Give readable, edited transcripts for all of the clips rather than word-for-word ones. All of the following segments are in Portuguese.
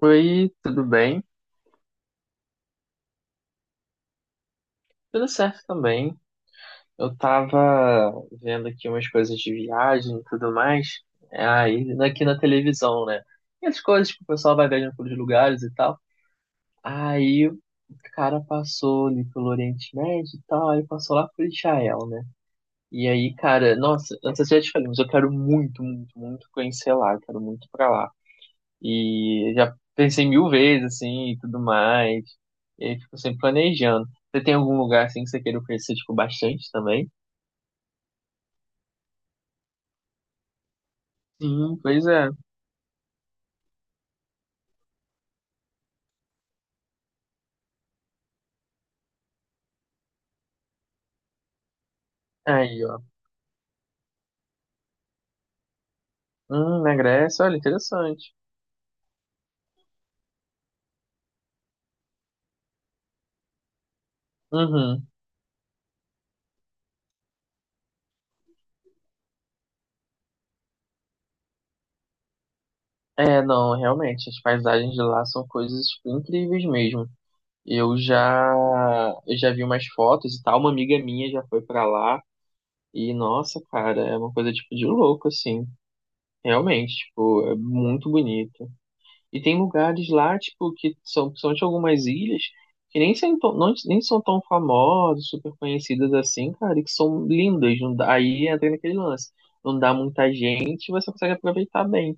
Oi, tudo bem? Tudo certo também. Eu tava vendo aqui umas coisas de viagem e tudo mais, aí aqui na televisão, né? E as coisas que o pessoal vai viajando pelos lugares e tal. Aí o Cara passou ali pelo Oriente Médio e tal, aí passou lá por Israel, né? E aí, cara, nossa, antes eu já te falei, mas eu quero muito, muito, muito conhecer lá, eu quero muito pra lá. E já pensei mil vezes, assim, e tudo mais. E aí fico sempre planejando. Você tem algum lugar, assim, que você queira conhecer, tipo, bastante também? Sim, pois é. Aí, ó. Na Grécia, olha, interessante. Uhum. É, não, realmente, as paisagens de lá são coisas, tipo, incríveis mesmo. Eu já, eu já vi umas fotos e tal, uma amiga minha já foi pra lá. E, nossa, cara, é uma coisa, tipo, de louco, assim. Realmente, tipo, é muito bonito. E tem lugares lá, tipo, que são, são de algumas ilhas, que nem são, nem são tão famosas, super conhecidas assim, cara, e que são lindas. Não dá, aí entra naquele lance. Não dá muita gente, você consegue aproveitar bem.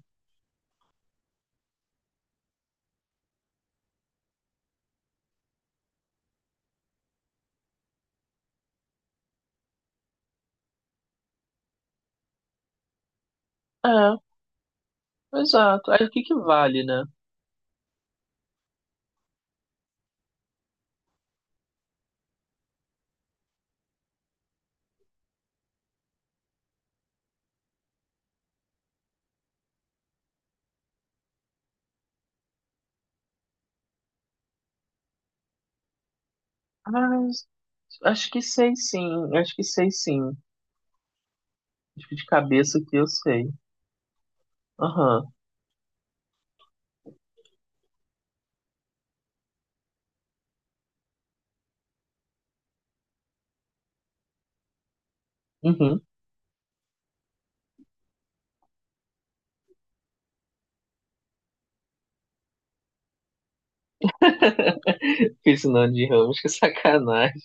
É, exato. Aí o que que vale, né? Mas acho que sei sim, acho que sei sim. Acho que de cabeça que eu sei. Aham. Uhum. Fiz o nome de Ramos, que sacanagem.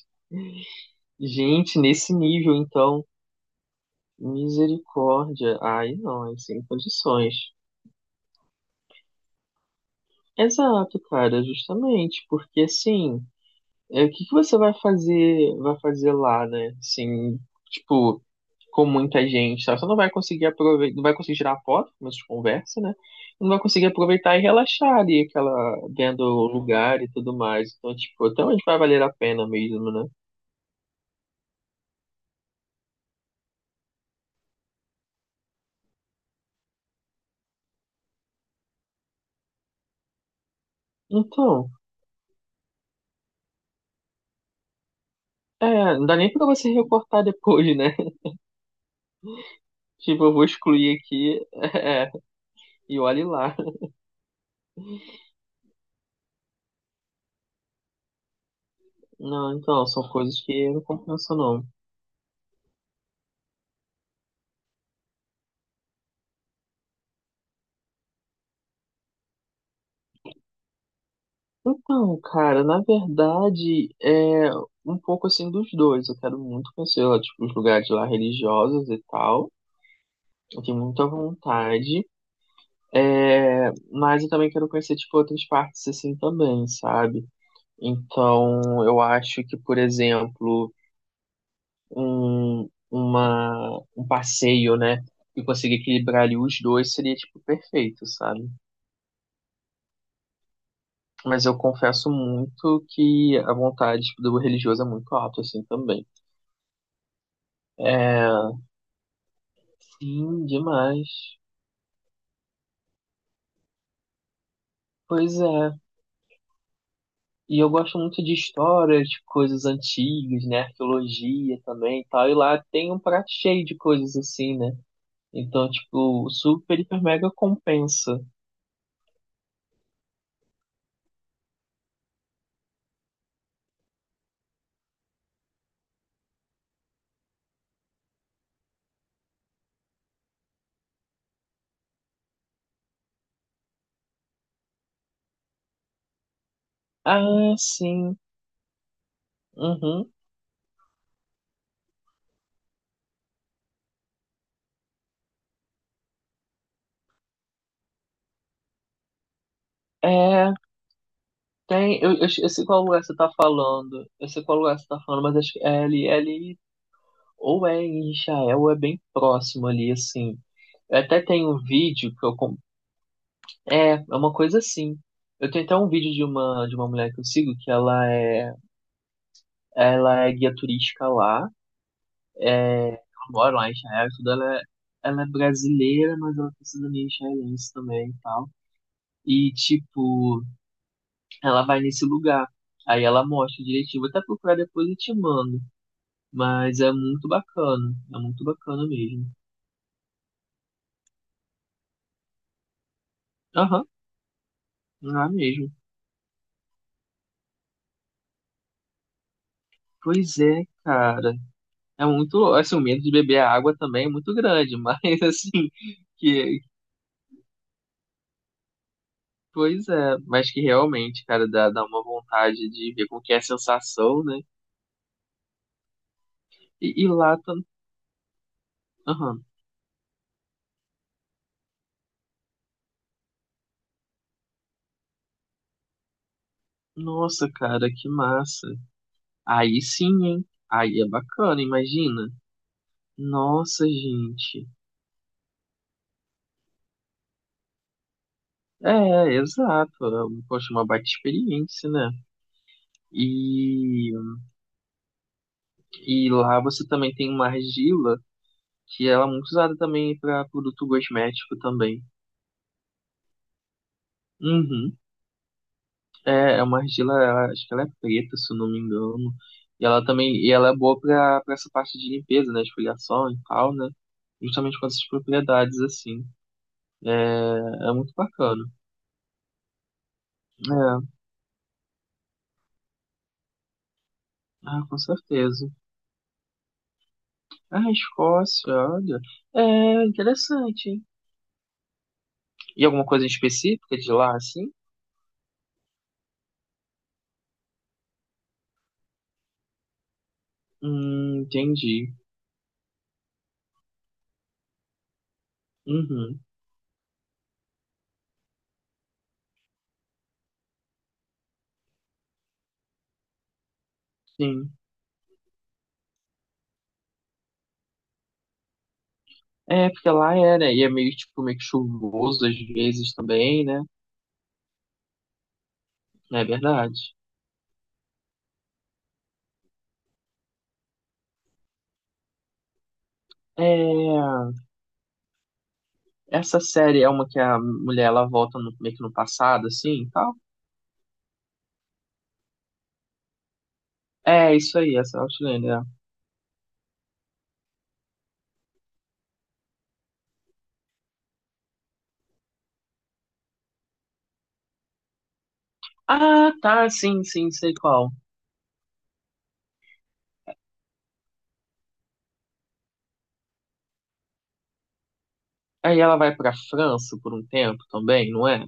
Gente, nesse nível, então. Misericórdia. Ai, não, aí sem condições. Exato, cara, justamente, porque assim, o que que você vai fazer lá, né? Assim, tipo, com muita gente, sabe? Você não vai conseguir aproveitar, não vai conseguir tirar foto, como a gente conversa, né? Não vai conseguir aproveitar e relaxar ali, aquela, vendo o lugar e tudo mais. Então, tipo, até onde vai valer a pena mesmo, né? Então, não dá nem pra você recortar depois, né? Tipo, eu vou excluir aqui, é, e olhe lá. Não, então, são coisas que eu não compensa, não. Então, cara, na verdade, é um pouco assim dos dois. Eu quero muito conhecer lá, tipo, os lugares lá religiosos e tal. Eu tenho muita vontade. É, mas eu também quero conhecer, tipo, outras partes assim também, sabe? Então, eu acho que, por exemplo, um passeio, né? E conseguir equilibrar ali os dois seria, tipo, perfeito, sabe? Mas eu confesso muito que a vontade tipo, do religioso é muito alta, assim, também. É, sim, demais. Pois é. E eu gosto muito de história, de coisas antigas, né? Arqueologia também e tal. E lá tem um prato cheio de coisas assim, né? Então, tipo, super, hiper, mega compensa. Ah, sim. Uhum. É, tem. Eu sei qual lugar você tá falando. Eu sei qual lugar você tá falando, mas acho que é ali ou é em Israel, ou é bem próximo ali, assim. Eu até tenho um vídeo que eu. Com- É, é uma coisa assim. Eu tenho até um vídeo de uma mulher que eu sigo, ela é guia turística lá, ela mora lá em Israel, e tudo, ela é brasileira, mas ela tem cidadania israelense também e tal. E, tipo, ela vai nesse lugar. Aí ela mostra direitinho. Vou até procurar depois e te mando. Mas é muito bacana. É muito bacana mesmo. Aham, lá mesmo. Pois é, cara. É muito, assim, o medo de beber a água também é muito grande, mas assim, que, pois é, mas que realmente, cara, dá uma vontade de ver como que é a sensação, né? E lá tam- aham. Nossa, cara, que massa. Aí sim, hein? Aí é bacana, imagina. Nossa, gente. É, exato. Poxa, uma baita experiência, né? E, e lá você também tem uma argila que ela é muito usada também para produto cosmético também. Uhum. É, é uma argila, ela- acho que ela é preta, se eu não me engano. E ela é boa para essa parte de limpeza, né, esfoliação e tal, né? Justamente com essas propriedades assim. É, é muito bacana. É, ah, com certeza. Ah, Escócia, olha. É interessante, hein? E alguma coisa específica de lá, assim? Entendi. Uhum, sim. É, porque lá é, né? E é meio, tipo, meio que chuvoso às vezes também, né? É verdade. É, essa série é uma que a mulher, ela volta no- meio que no passado, assim, e tal? É, isso aí, essa é Outlander. É. Ah, tá, sim, sim, sei qual. Aí ela vai pra França por um tempo também, não é?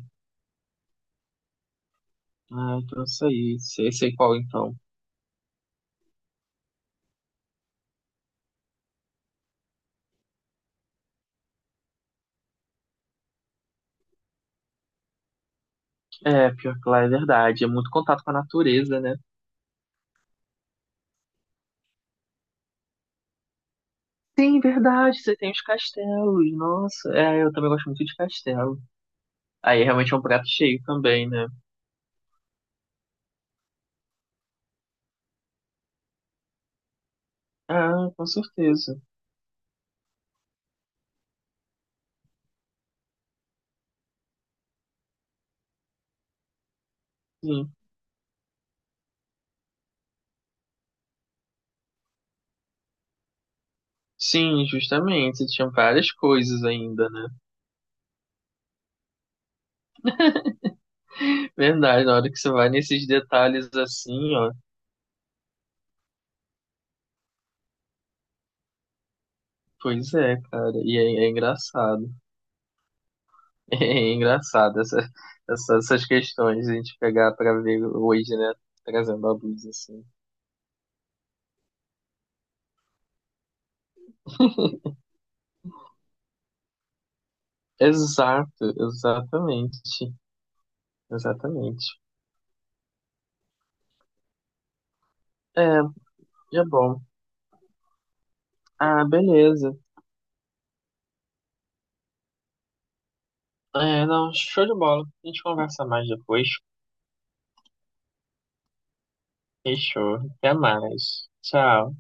Ah, então isso aí, sei, sei qual então. É, pior que lá é verdade, é muito contato com a natureza, né? Sim, verdade, você tem os castelos, nossa. É, eu também gosto muito de castelo. Aí realmente é um prato cheio também, né? Ah, com certeza. Sim. Sim, justamente. Você tinha várias coisas ainda, né? Verdade, na hora que você vai nesses detalhes assim, ó. Pois é, cara. E é, é engraçado. É engraçado essa, essas questões a gente pegar pra ver hoje, né? Trazendo a luz assim. Exato, exatamente. Exatamente. É, é bom. Ah, beleza. É, não, show de bola. A gente conversa mais depois. Fechou. Até mais. Tchau.